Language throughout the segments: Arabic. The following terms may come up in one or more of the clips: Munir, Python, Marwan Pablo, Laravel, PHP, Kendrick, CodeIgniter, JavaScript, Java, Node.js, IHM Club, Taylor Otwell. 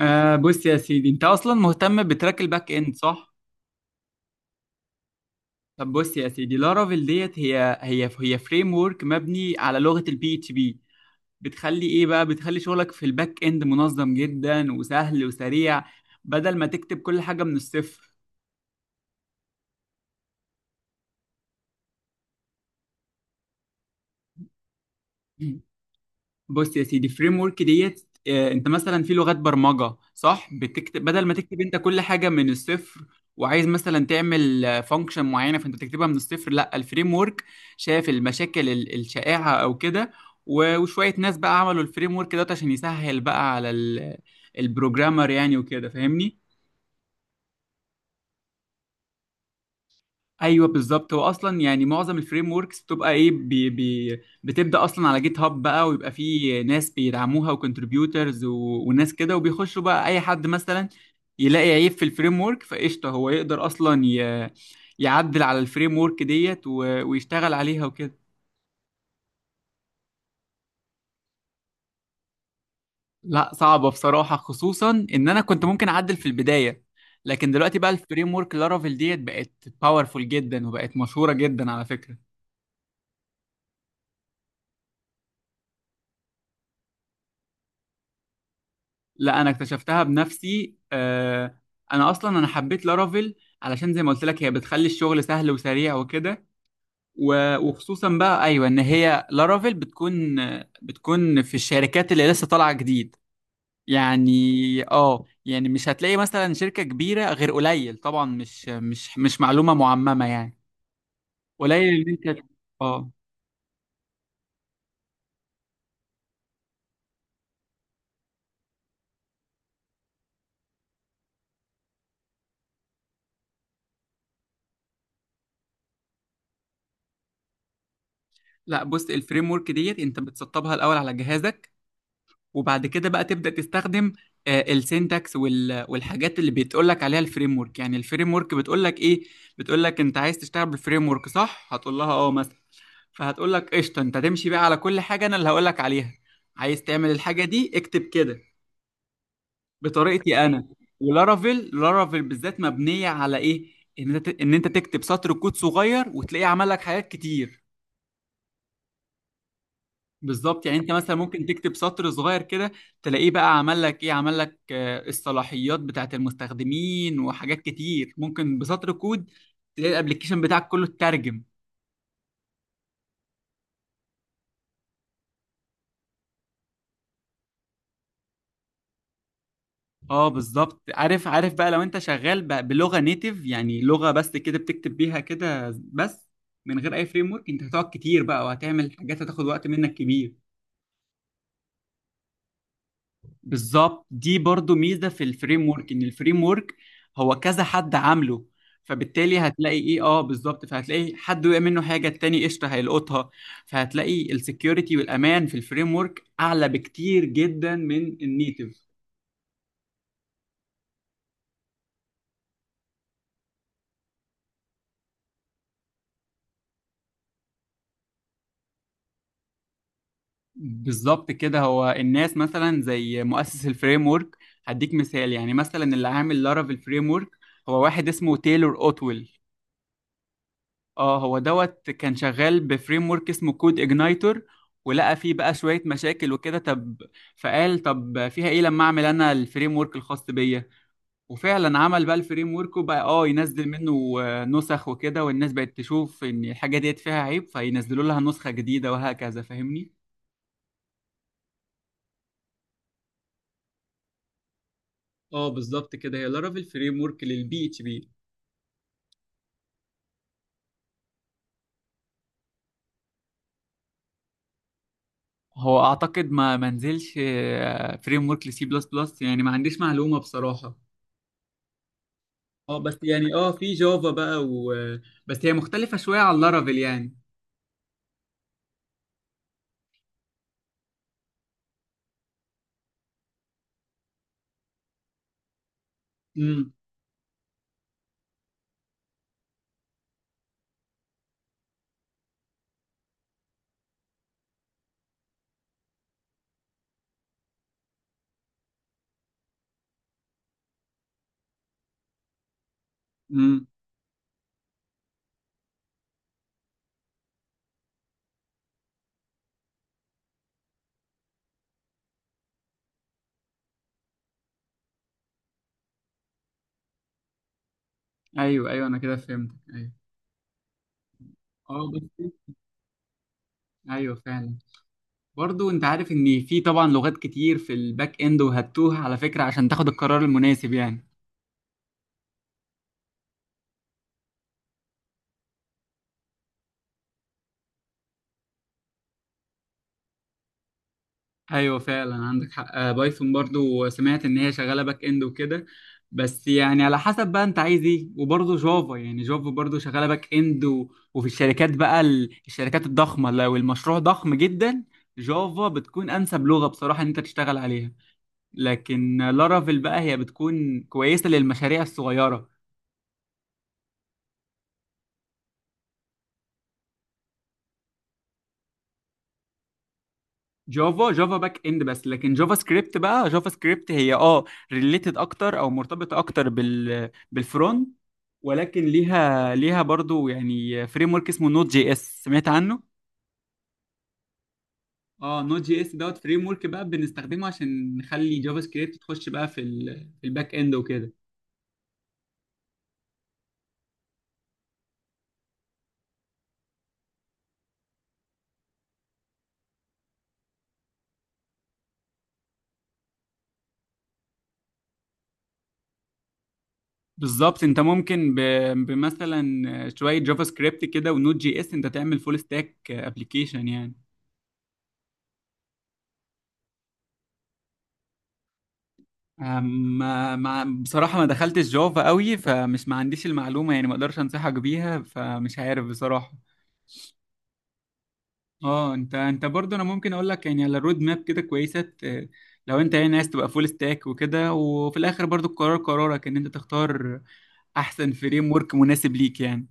آه، بص يا سيدي، انت اصلا مهتم بتراك الباك اند، صح؟ طب بص يا سيدي، لارافيل ديت هي فريم ورك مبني على لغه البي اتش بي. بتخلي ايه بقى؟ بتخلي شغلك في الباك اند منظم جدا وسهل وسريع، بدل ما تكتب كل حاجه من الصفر. بص يا سيدي، فريم ورك ديت، انت مثلا في لغات برمجه، صح؟ بتكتب، بدل ما تكتب انت كل حاجه من الصفر وعايز مثلا تعمل فانكشن معينه، فانت بتكتبها من الصفر. لا، الفريم ورك شاف المشاكل الشائعه او كده، وشويه ناس بقى عملوا الفريم ورك دوت عشان يسهل بقى على البروجرامر يعني وكده، فاهمني. ايوه بالظبط، هو اصلا يعني معظم الفريم وركس بتبقى ايه بي بي، بتبدا اصلا على جيت هاب بقى، ويبقى فيه ناس بيدعموها وكونتريبيوترز وناس كده، وبيخشوا بقى. اي حد مثلا يلاقي عيب في الفريم ورك، فقشطه هو يقدر اصلا يعدل على الفريم ورك ديت ويشتغل عليها وكده. لا، صعبه بصراحه، خصوصا ان انا كنت ممكن اعدل في البدايه، لكن دلوقتي بقى الفريم ورك لارافيل ديت بقت باورفول جدا، وبقت مشهوره جدا على فكره. لا، انا اكتشفتها بنفسي. انا اصلا انا حبيت لارافيل علشان زي ما قلت لك، هي بتخلي الشغل سهل وسريع وكده. وخصوصا بقى، ايوه، ان هي لارافيل بتكون في الشركات اللي لسه طالعه جديد يعني. اه، يعني مش هتلاقي مثلا شركه كبيره غير قليل، طبعا مش معلومه معممه يعني، قليل. ان انت اه. لا، بص، الفريم ورك ديت انت بتسطبها الاول على جهازك، وبعد كده بقى تبدأ تستخدم السينتاكس والحاجات اللي بتقول لك عليها الفريم ورك. يعني الفريم ورك بتقول لك ايه؟ بتقول لك انت عايز تشتغل بالفريم ورك، صح؟ هتقول لها اه مثلا، فهتقول لك قشطه، انت تمشي بقى على كل حاجه انا اللي هقول لك عليها. عايز تعمل الحاجه دي، اكتب كده بطريقتي انا. ولارافيل لارافيل بالذات مبنيه على ايه؟ ان انت تكتب سطر كود صغير وتلاقيه عمل لك حاجات كتير. بالظبط، يعني انت مثلا ممكن تكتب سطر صغير كده، تلاقيه بقى عمل لك ايه، عمل لك الصلاحيات بتاعت المستخدمين وحاجات كتير. ممكن بسطر كود تلاقي الابليكيشن بتاعك كله اترجم. اه، بالظبط. عارف عارف بقى، لو انت شغال بلغة نيتيف يعني، لغة بس كده بتكتب بيها كده بس من غير اي فريم ورك، انت هتقعد كتير بقى، وهتعمل حاجات هتاخد وقت منك كبير. بالظبط، دي برضو ميزة في الفريم ورك، ان الفريم ورك هو كذا حد عامله. فبالتالي هتلاقي ايه، اه بالظبط، فهتلاقي حد وقع منه حاجة، التاني قشطة هيلقطها. فهتلاقي السكيورتي والامان في الفريم ورك اعلى بكتير جدا من النيتف. بالظبط كده. هو الناس مثلا زي مؤسس الفريم ورك، هديك مثال، يعني مثلا اللي عامل لارافيل فريم ورك هو واحد اسمه تايلور اوتويل. اه، هو دوت كان شغال بفريم ورك اسمه كود اجنايتور، ولقى فيه بقى شوية مشاكل وكده. طب فقال، طب فيها ايه لما اعمل انا الفريم ورك الخاص بيا. وفعلا عمل بقى الفريم ورك، وبقى اه ينزل منه نسخ وكده، والناس بقت تشوف ان الحاجة ديت فيها عيب فينزلوا لها نسخة جديدة وهكذا، فاهمني. اه بالظبط كده، هي لارافيل فريم ورك للبي اتش بي. هو اعتقد ما منزلش فريم ورك لسي بلس بلس يعني، ما عنديش معلومة بصراحة. اه بس يعني، في جافا بقى، بس هي مختلفة شوية عن لارافيل يعني. امم. امم. ايوه، ايوه، انا كده فهمت. ايوه. اه بس، ايوه فعلا. برضو انت عارف ان في طبعا لغات كتير في الباك اند وهتوها، على فكرة، عشان تاخد القرار المناسب يعني. ايوه فعلا عندك حق. بايثون برضو سمعت ان هي شغاله باك اند وكده، بس يعني على حسب بقى انت عايز ايه. وبرضه جافا، يعني جافا برضه شغاله باك اند، وفي الشركات بقى، الشركات الضخمه لو المشروع ضخم جدا، جافا بتكون انسب لغه بصراحه ان انت تشتغل عليها، لكن لارافيل بقى هي بتكون كويسه للمشاريع الصغيره. جافا، جافا باك اند بس، لكن جافا سكريبت بقى، جافا سكريبت هي ريليتد اكتر او مرتبطه اكتر بالفرونت. ولكن ليها برضو يعني فريم ورك اسمه نوت جي اس، سمعت عنه. اه، نوت جي اس دوت فريم ورك بقى بنستخدمه عشان نخلي جافا سكريبت تخش بقى في في الباك اند وكده. بالظبط، انت ممكن بمثلا شويه جافا سكريبت كده ونوت جي اس، انت تعمل فول ستاك ابلكيشن يعني. أم- بصراحة ما دخلتش جافا قوي، ما عنديش المعلومة يعني، ما اقدرش انصحك بيها، فمش عارف بصراحة. اه، انت برضه، انا ممكن اقول لك يعني على الرود ماب كده كويسة، لو انت يعني عايز تبقى فول ستاك وكده. وفي الاخر برضه القرار قرارك، ان انت تختار احسن فريم ورك مناسب ليك يعني.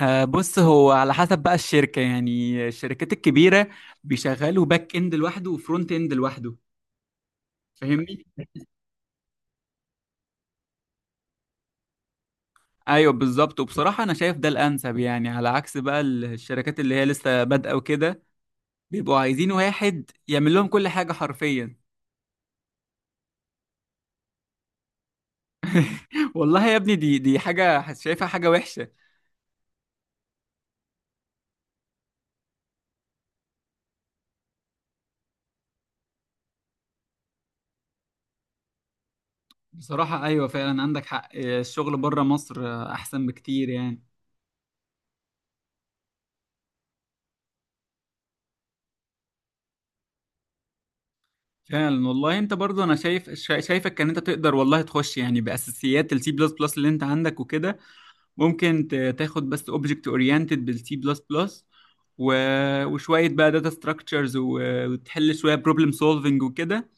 آه بص، هو على حسب بقى الشركة، يعني الشركات الكبيرة بيشغلوا باك اند لوحده وفرونت اند لوحده، فاهمني. ايوه بالظبط. وبصراحه انا شايف ده الانسب يعني، على عكس بقى الشركات اللي هي لسه بادئه وكده، بيبقوا عايزين واحد يعمل لهم كل حاجه حرفيا. والله يا ابني، دي حاجه شايفها حاجه وحشه. بصراحه ايوه فعلا عندك حق، الشغل بره مصر احسن بكتير يعني. فعلا والله، انت برضو انا شايف، شايفك ان انت تقدر والله تخش يعني باساسيات السي بلس بلس اللي انت عندك وكده. ممكن تاخد بس اوبجكت اورينتد بالسي بلس بلس، وشويه بقى داتا ستراكشرز، وتحل شويه بروبلم سولفنج وكده،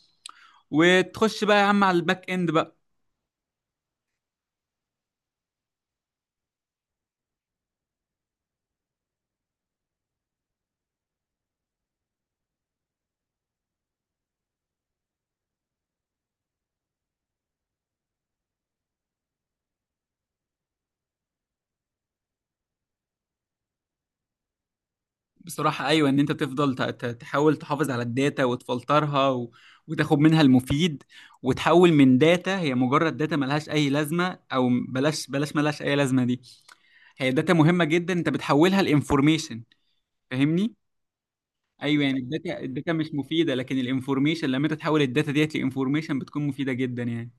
وتخش بقى يا عم على الباك اند بقى. بصراحه ايوه، ان انت تفضل تحاول تحافظ على الداتا وتفلترها وتاخد منها المفيد، وتحول من داتا هي مجرد داتا ملهاش اي لازمه، او بلاش بلاش ملهاش اي لازمه، دي هي داتا مهمه جدا انت بتحولها لانفورميشن، فاهمني. ايوه، يعني الداتا، الداتا مش مفيده، لكن الانفورميشن لما انت تحول الداتا ديت لانفورميشن بتكون مفيده جدا يعني.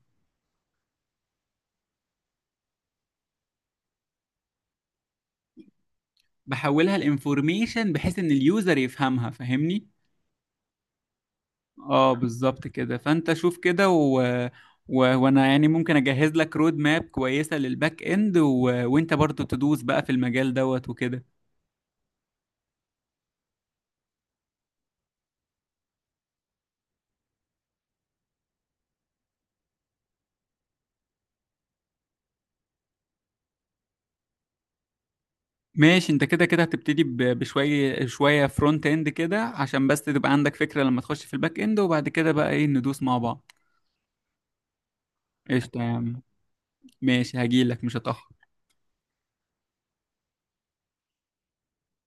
بحولها لانفورميشن بحيث ان اليوزر يفهمها، فاهمني. اه بالظبط كده. فانت شوف كده، وانا يعني ممكن اجهز لك رود ماب كويسه للباك اند، وانت برضو تدوس بقى في المجال دوت وكده. ماشي، انت كده كده هتبتدي بشويه شويه فرونت اند كده عشان بس تبقى عندك فكره لما تخش في الباك اند، وبعد كده بقى ايه، ندوس مع بعض. قشطه يا عم، ماشي، هجيلك مش هتاخر.